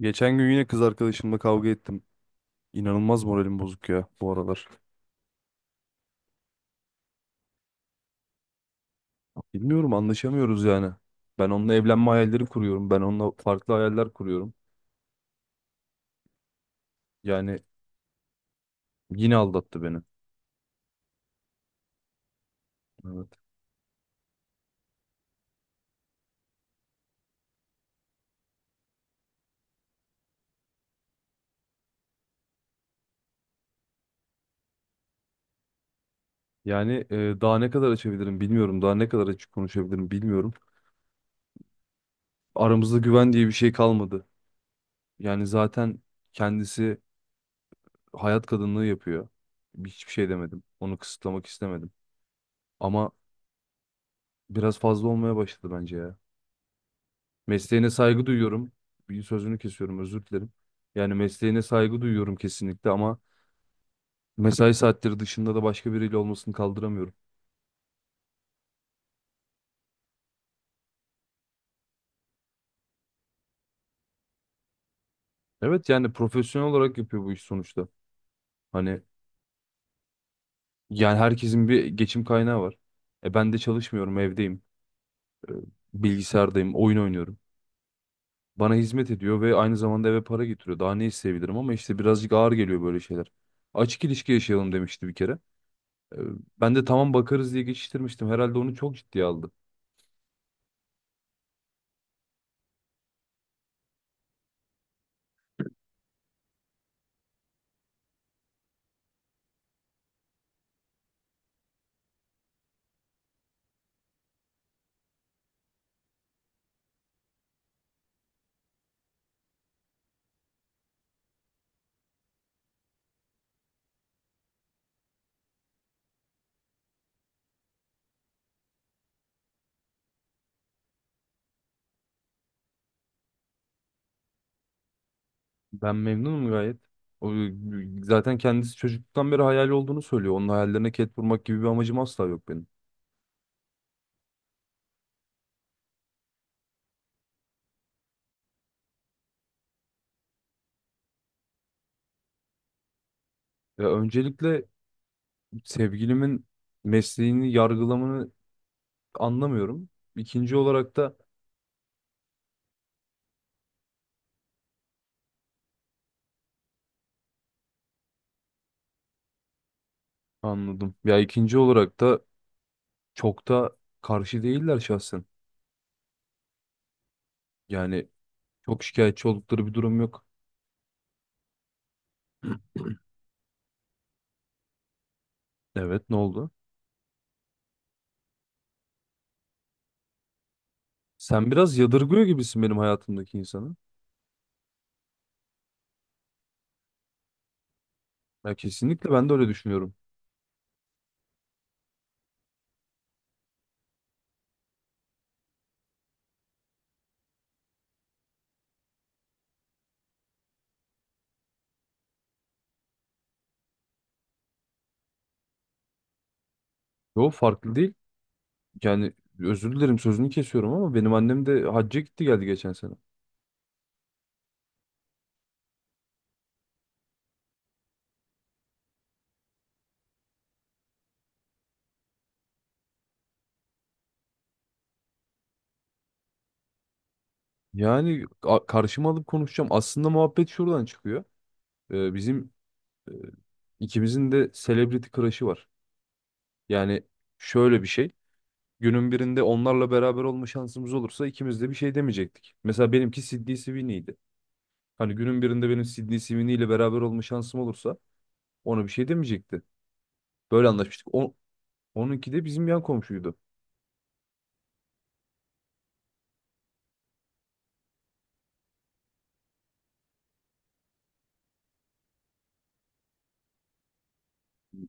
Geçen gün yine kız arkadaşımla kavga ettim. İnanılmaz moralim bozuk ya bu aralar. Bilmiyorum anlaşamıyoruz yani. Ben onunla evlenme hayalleri kuruyorum. Ben onunla farklı hayaller kuruyorum. Yani yine aldattı beni. Evet. Yani daha ne kadar açabilirim bilmiyorum. Daha ne kadar açık konuşabilirim bilmiyorum. Aramızda güven diye bir şey kalmadı. Yani zaten kendisi hayat kadınlığı yapıyor. Hiçbir şey demedim. Onu kısıtlamak istemedim. Ama biraz fazla olmaya başladı bence ya. Mesleğine saygı duyuyorum. Bir sözünü kesiyorum, özür dilerim. Yani mesleğine saygı duyuyorum kesinlikle ama mesai saatleri dışında da başka biriyle olmasını kaldıramıyorum. Evet yani profesyonel olarak yapıyor bu iş sonuçta. Hani yani herkesin bir geçim kaynağı var. E ben de çalışmıyorum, evdeyim. E, Bilgisayardayım, oyun oynuyorum. Bana hizmet ediyor ve aynı zamanda eve para getiriyor. Daha ne isteyebilirim ama işte birazcık ağır geliyor böyle şeyler. Açık ilişki yaşayalım demişti bir kere. E, Ben de tamam bakarız diye geçiştirmiştim. Herhalde onu çok ciddiye aldı. Ben memnunum gayet. O, Zaten kendisi çocukluktan beri hayali olduğunu söylüyor. Onun hayallerine ket vurmak gibi bir amacım asla yok benim. Ya öncelikle sevgilimin mesleğini yargılamanı anlamıyorum. İkinci olarak da anladım. Ya ikinci olarak da çok da karşı değiller şahsen. Yani çok şikayetçi oldukları bir durum yok. Evet, ne oldu? Sen biraz yadırgıyor gibisin benim hayatımdaki insanı. Ya kesinlikle ben de öyle düşünüyorum. Yo farklı değil. Yani özür dilerim sözünü kesiyorum ama benim annem de hacca gitti geldi geçen sene. Yani karşıma alıp konuşacağım. Aslında muhabbet şuradan çıkıyor. Bizim e, ikimizin de celebrity crush'ı var. Yani şöyle bir şey. Günün birinde onlarla beraber olma şansımız olursa ikimiz de bir şey demeyecektik. Mesela benimki Sydney Sweeney'di. Hani günün birinde benim Sydney Sweeney ile beraber olma şansım olursa ona bir şey demeyecekti. Böyle anlaşmıştık. Onunki de bizim yan komşuydu.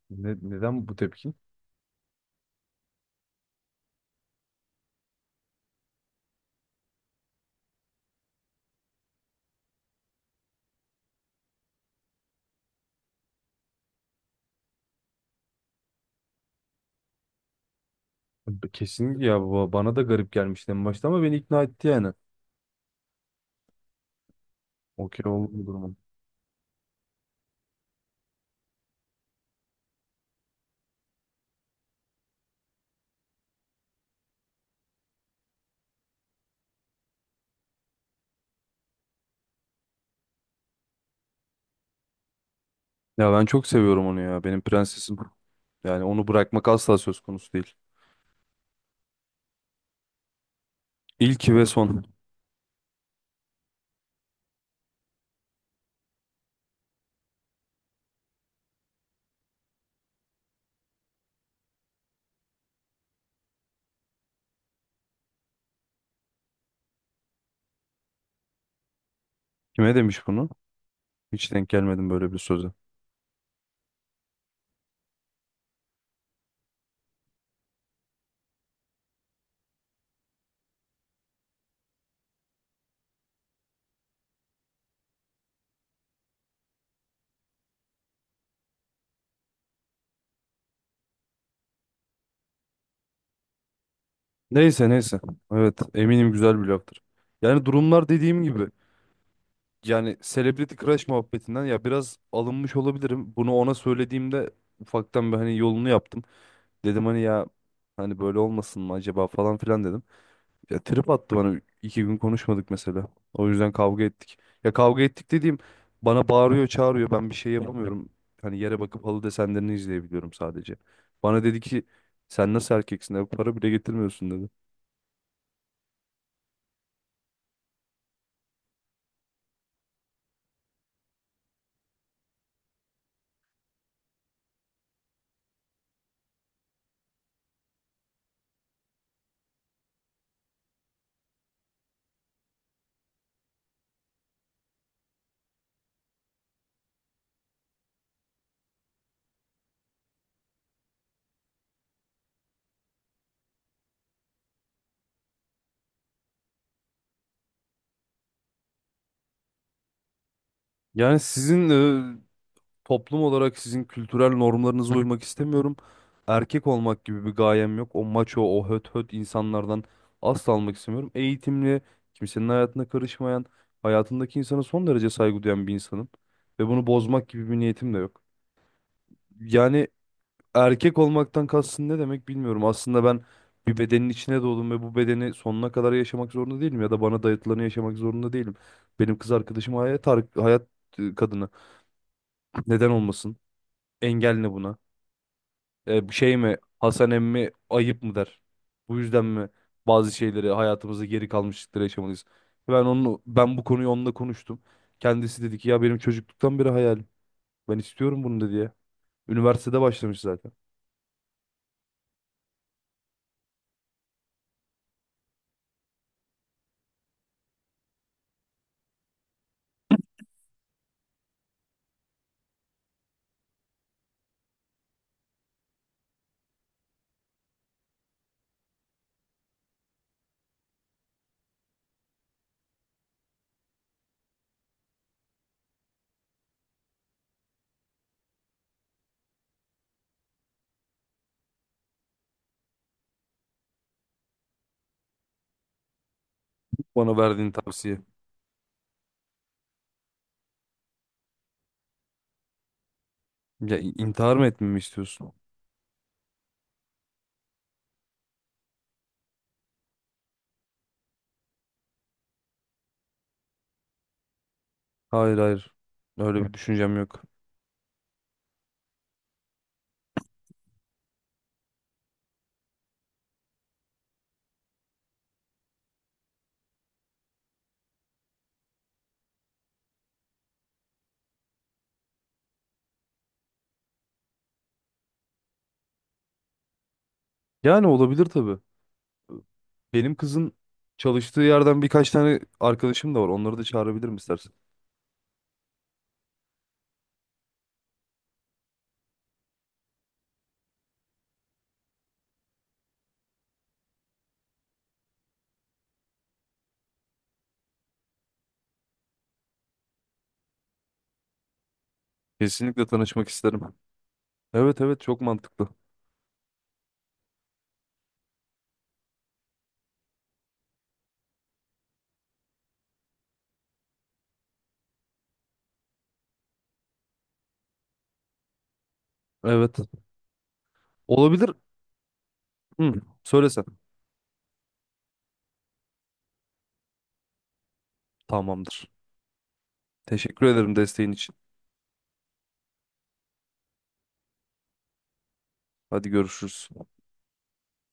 Neden bu tepki? Kesinlikle ya baba. Bana da garip gelmişti en başta ama beni ikna etti yani. Okey oldu bu durum. Ya ben çok seviyorum onu ya. Benim prensesim. Yani onu bırakmak asla söz konusu değil. İlki ve son. Kime demiş bunu? Hiç denk gelmedim böyle bir söze. Neyse neyse. Evet eminim güzel bir laftır. Yani durumlar dediğim gibi. Yani Celebrity Crush muhabbetinden ya biraz alınmış olabilirim. Bunu ona söylediğimde ufaktan bir hani yolunu yaptım. Dedim hani ya hani böyle olmasın mı acaba falan filan dedim. Ya trip attı bana. İki gün konuşmadık mesela. O yüzden kavga ettik. Ya kavga ettik dediğim bana bağırıyor çağırıyor. Ben bir şey yapamıyorum. Hani yere bakıp halı desenlerini izleyebiliyorum sadece. Bana dedi ki sen nasıl erkeksin? Eve para bile getirmiyorsun dedi. Yani sizin toplum olarak sizin kültürel normlarınıza uymak istemiyorum. Erkek olmak gibi bir gayem yok. O maço, o höt höt insanlardan asla almak istemiyorum. Eğitimli, kimsenin hayatına karışmayan, hayatındaki insana son derece saygı duyan bir insanım. Ve bunu bozmak gibi bir niyetim de yok. Yani erkek olmaktan kastın ne demek bilmiyorum. Aslında ben bir bedenin içine doğdum ve bu bedeni sonuna kadar yaşamak zorunda değilim. Ya da bana dayatılanı yaşamak zorunda değilim. Benim kız arkadaşım hayat kadını. Neden olmasın? Engel ne buna? Şey mi Hasan emmi ayıp mı der. Bu yüzden mi bazı şeyleri hayatımızda geri kalmışlıkları yaşamalıyız. Ben bu konuyu onunla konuştum. Kendisi dedi ki ya benim çocukluktan beri hayalim. Ben istiyorum bunu dedi ya. Üniversitede başlamış zaten. Bana verdiğin tavsiye. Ya intihar mı etmemi istiyorsun? Hayır hayır. Öyle bir düşüncem yok. Yani olabilir tabii. Benim kızın çalıştığı yerden birkaç tane arkadaşım da var. Onları da çağırabilirim istersen. Kesinlikle tanışmak isterim. Evet evet çok mantıklı. Evet. Olabilir. Hı, söylesen. Tamamdır. Teşekkür ederim desteğin için. Hadi görüşürüz.